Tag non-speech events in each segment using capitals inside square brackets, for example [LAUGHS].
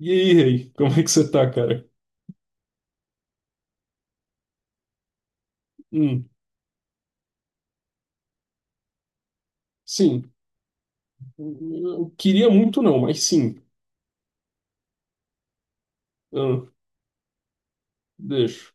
E aí, Rei, como é que você tá, cara? Hum, sim, eu queria muito não, mas sim. Hum, deixo.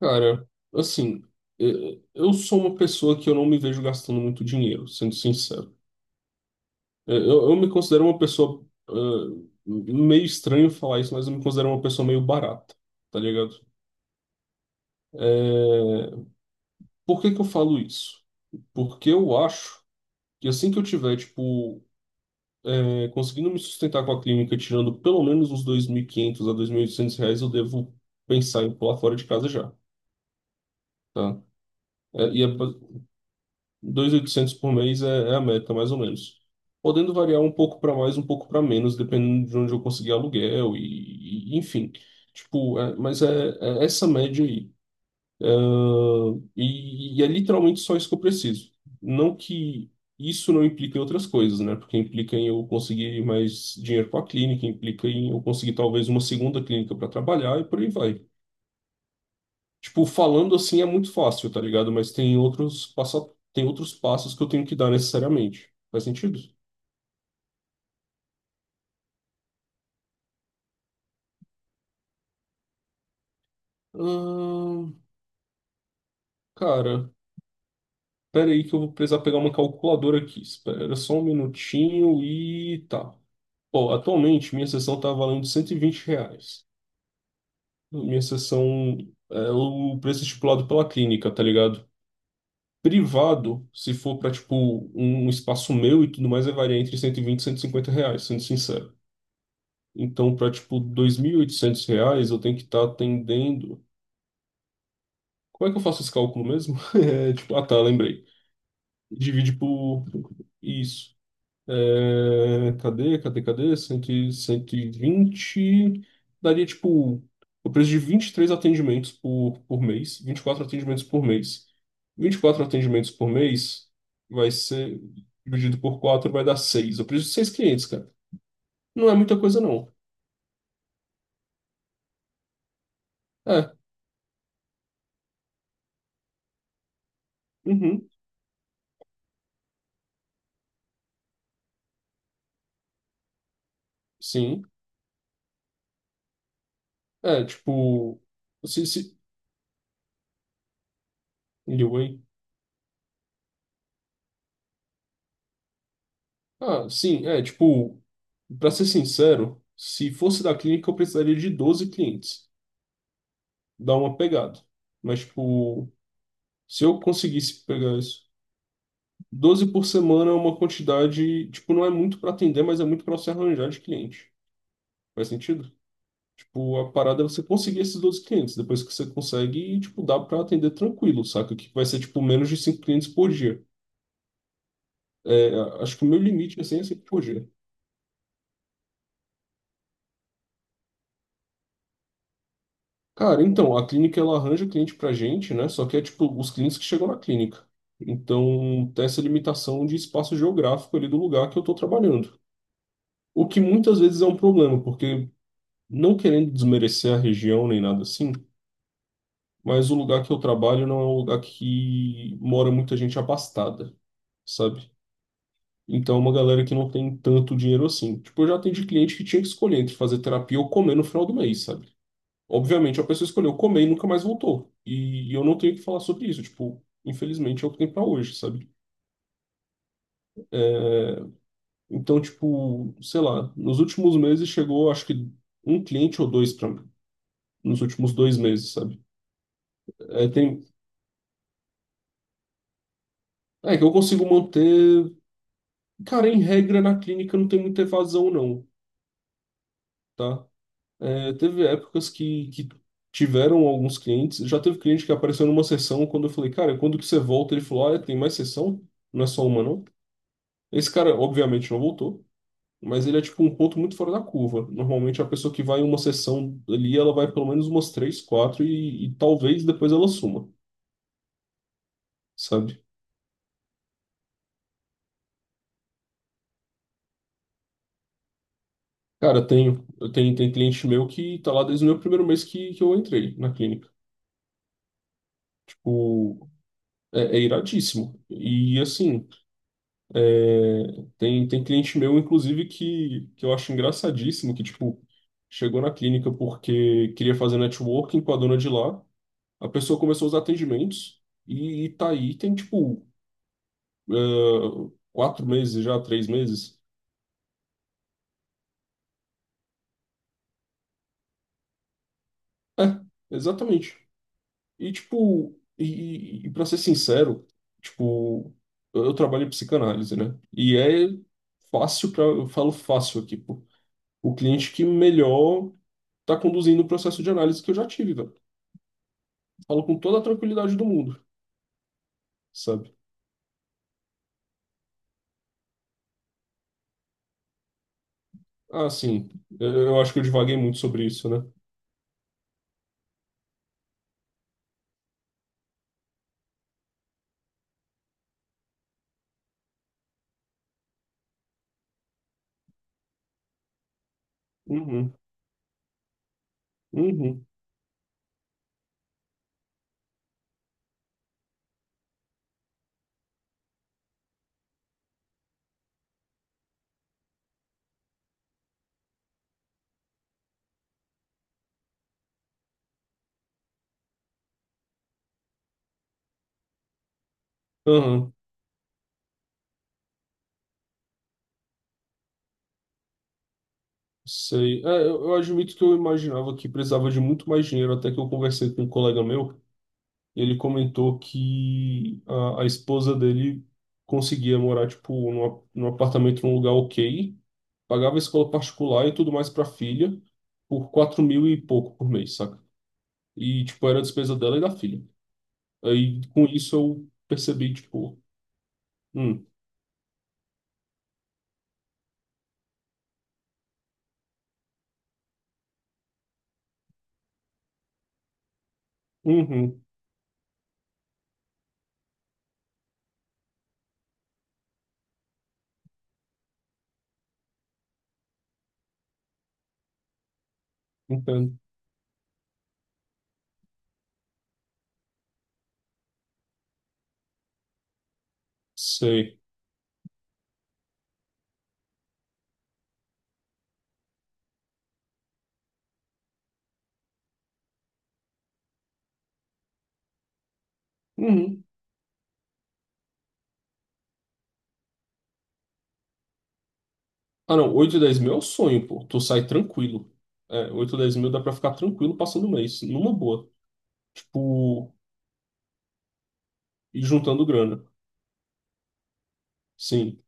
Cara, assim, eh, eu sou uma pessoa que eu não me vejo gastando muito dinheiro, sendo sincero. Eu me considero uma pessoa, meio estranho falar isso, mas eu me considero uma pessoa meio barata, tá ligado? Eh, por que que eu falo isso? Porque eu acho que assim que eu tiver, tipo, conseguindo me sustentar com a clínica, tirando pelo menos uns 2.500 a R$ 2.800, eu devo pensar em pular fora de casa já, tá? É, e é, ba- 2.800 por mês é a meta, mais ou menos. Podendo variar um pouco para mais, um pouco para menos, dependendo de onde eu conseguir aluguel enfim. Tipo, é, mas é essa média aí. E é literalmente só isso que eu preciso. Não que isso não implique em outras coisas, né? Porque implica em eu conseguir mais dinheiro para a clínica, implica em eu conseguir talvez uma segunda clínica para trabalhar e por aí vai. Tipo, falando assim é muito fácil, tá ligado? Mas tem outros passa... tem outros passos que eu tenho que dar necessariamente. Faz sentido? Ahn, cara, pera aí que eu vou precisar pegar uma calculadora aqui. Espera só um minutinho e tá. Bom, atualmente minha sessão está valendo R$ 120. Minha sessão é o preço estipulado pela clínica, tá ligado? Privado, se for para tipo um espaço meu e tudo mais, vai variar entre R$ 120 e R$ 150, sendo sincero. Então, para tipo R$ 2.800, eu tenho que estar atendendo. Como é que eu faço esse cálculo mesmo? [LAUGHS] É, tipo, ah tá, lembrei. Divide por isso. É, cadê, cadê, cadê? 120. Daria, tipo, o preço de 23 atendimentos por mês. 24 atendimentos por mês. Vinte e quatro atendimentos por mês vai ser Dividido por 4 vai dar seis. O preço de 6 clientes, cara. Não é muita coisa, não. É, uhum, sim. É, tipo. Se, anyway. Ah, sim, é, tipo. Pra ser sincero, se fosse da clínica, eu precisaria de 12 clientes. Dá uma pegada. Mas, tipo, se eu conseguisse pegar isso, 12 por semana é uma quantidade, tipo, não é muito para atender, mas é muito para você arranjar de cliente. Faz sentido? Tipo, a parada é você conseguir esses 12 clientes. Depois que você consegue, tipo, dá para atender tranquilo, saca? Que vai ser, tipo, menos de 5 clientes por dia. É, acho que o meu limite, assim, é 5 por dia. Cara, então, a clínica, ela arranja cliente pra gente, né? Só que é, tipo, os clientes que chegam na clínica. Então, tem essa limitação de espaço geográfico ali do lugar que eu tô trabalhando. O que muitas vezes é um problema, porque não querendo desmerecer a região nem nada assim, mas o lugar que eu trabalho não é um lugar que mora muita gente abastada, sabe? Então é uma galera que não tem tanto dinheiro assim. Tipo, eu já atendi cliente que tinha que escolher entre fazer terapia ou comer no final do mês, sabe? Obviamente a pessoa escolheu comer e nunca mais voltou. E eu não tenho o que falar sobre isso, tipo, infelizmente é o que tem pra hoje, sabe? É, então, tipo, sei lá, nos últimos meses chegou, acho que um cliente ou dois pra nos últimos dois meses, sabe? É, tem... é que eu consigo manter. Cara, em regra, na clínica não tem muita evasão, não, tá? É, teve épocas que tiveram alguns clientes. Já teve cliente que apareceu numa sessão quando eu falei, cara, quando que você volta? Ele falou, ah, tem mais sessão? Não é só uma, não? Esse cara, obviamente, não voltou. Mas ele é tipo um ponto muito fora da curva. Normalmente a pessoa que vai em uma sessão ali, ela vai pelo menos umas três, quatro e talvez depois ela suma, sabe? Cara, eu tenho tem cliente meu que tá lá desde o meu primeiro mês que eu entrei na clínica. Tipo, é iradíssimo. E assim, é, tem cliente meu, inclusive, que eu acho engraçadíssimo, que, tipo, chegou na clínica porque queria fazer networking com a dona de lá. A pessoa começou os atendimentos e tá aí, tem, tipo, é, 4 meses já, 3 meses. É, exatamente. E, tipo, e pra ser sincero, tipo, eu trabalho em psicanálise, né? E é fácil para, eu falo fácil aqui, pô. O cliente que melhor tá conduzindo o processo de análise que eu já tive, velho. Falo com toda a tranquilidade do mundo, sabe? Ah, sim. Eu acho que eu divaguei muito sobre isso, né? Uhum, uhum, aham. Sei. É, eu admito que eu imaginava que precisava de muito mais dinheiro até que eu conversei com um colega meu. Ele comentou que a esposa dele conseguia morar, tipo, num apartamento num lugar ok, pagava escola particular e tudo mais para a filha por 4 mil e pouco por mês, saca? E, tipo, era a despesa dela e da filha. Aí, com isso, eu percebi, tipo, hum, uhum, entendo, sei. Uhum. Ah, não, 8 e 10 mil é o sonho, pô. Tu sai tranquilo. É, 8 ou 10 mil dá pra ficar tranquilo passando o mês, numa boa. Tipo, e juntando grana. Sim.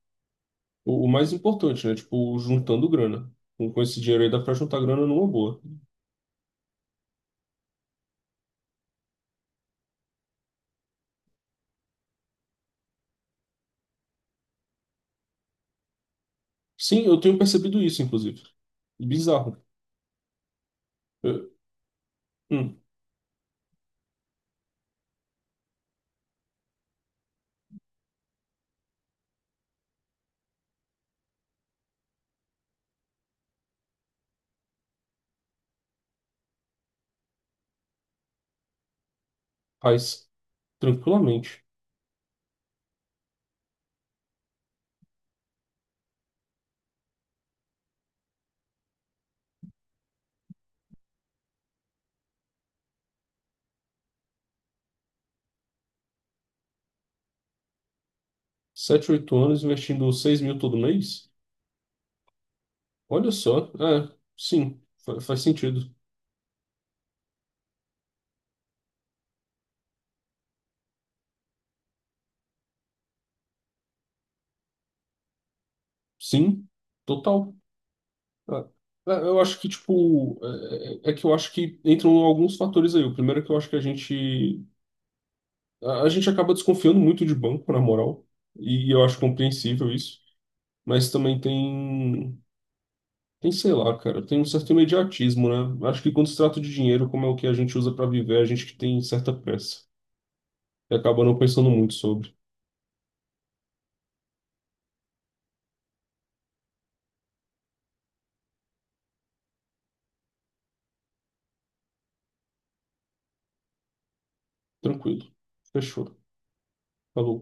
O mais importante, né? Tipo, juntando grana. Com esse dinheiro aí dá pra juntar grana numa boa. Sim, eu tenho percebido isso, inclusive. Bizarro. Eu, hum, faz tranquilamente. 7, 8 anos investindo 6 mil todo mês? Olha só. É, sim. Faz sentido. Sim, total. É, é, eu acho que, tipo, é que eu acho que entram alguns fatores aí. O primeiro é que eu acho que a gente acaba desconfiando muito de banco, na moral. E eu acho compreensível isso. Mas também tem, sei lá, cara, tem um certo imediatismo, né? Acho que quando se trata de dinheiro, como é o que a gente usa pra viver, a gente que tem certa pressa e acaba não pensando muito sobre. Tranquilo. Fechou. Falou.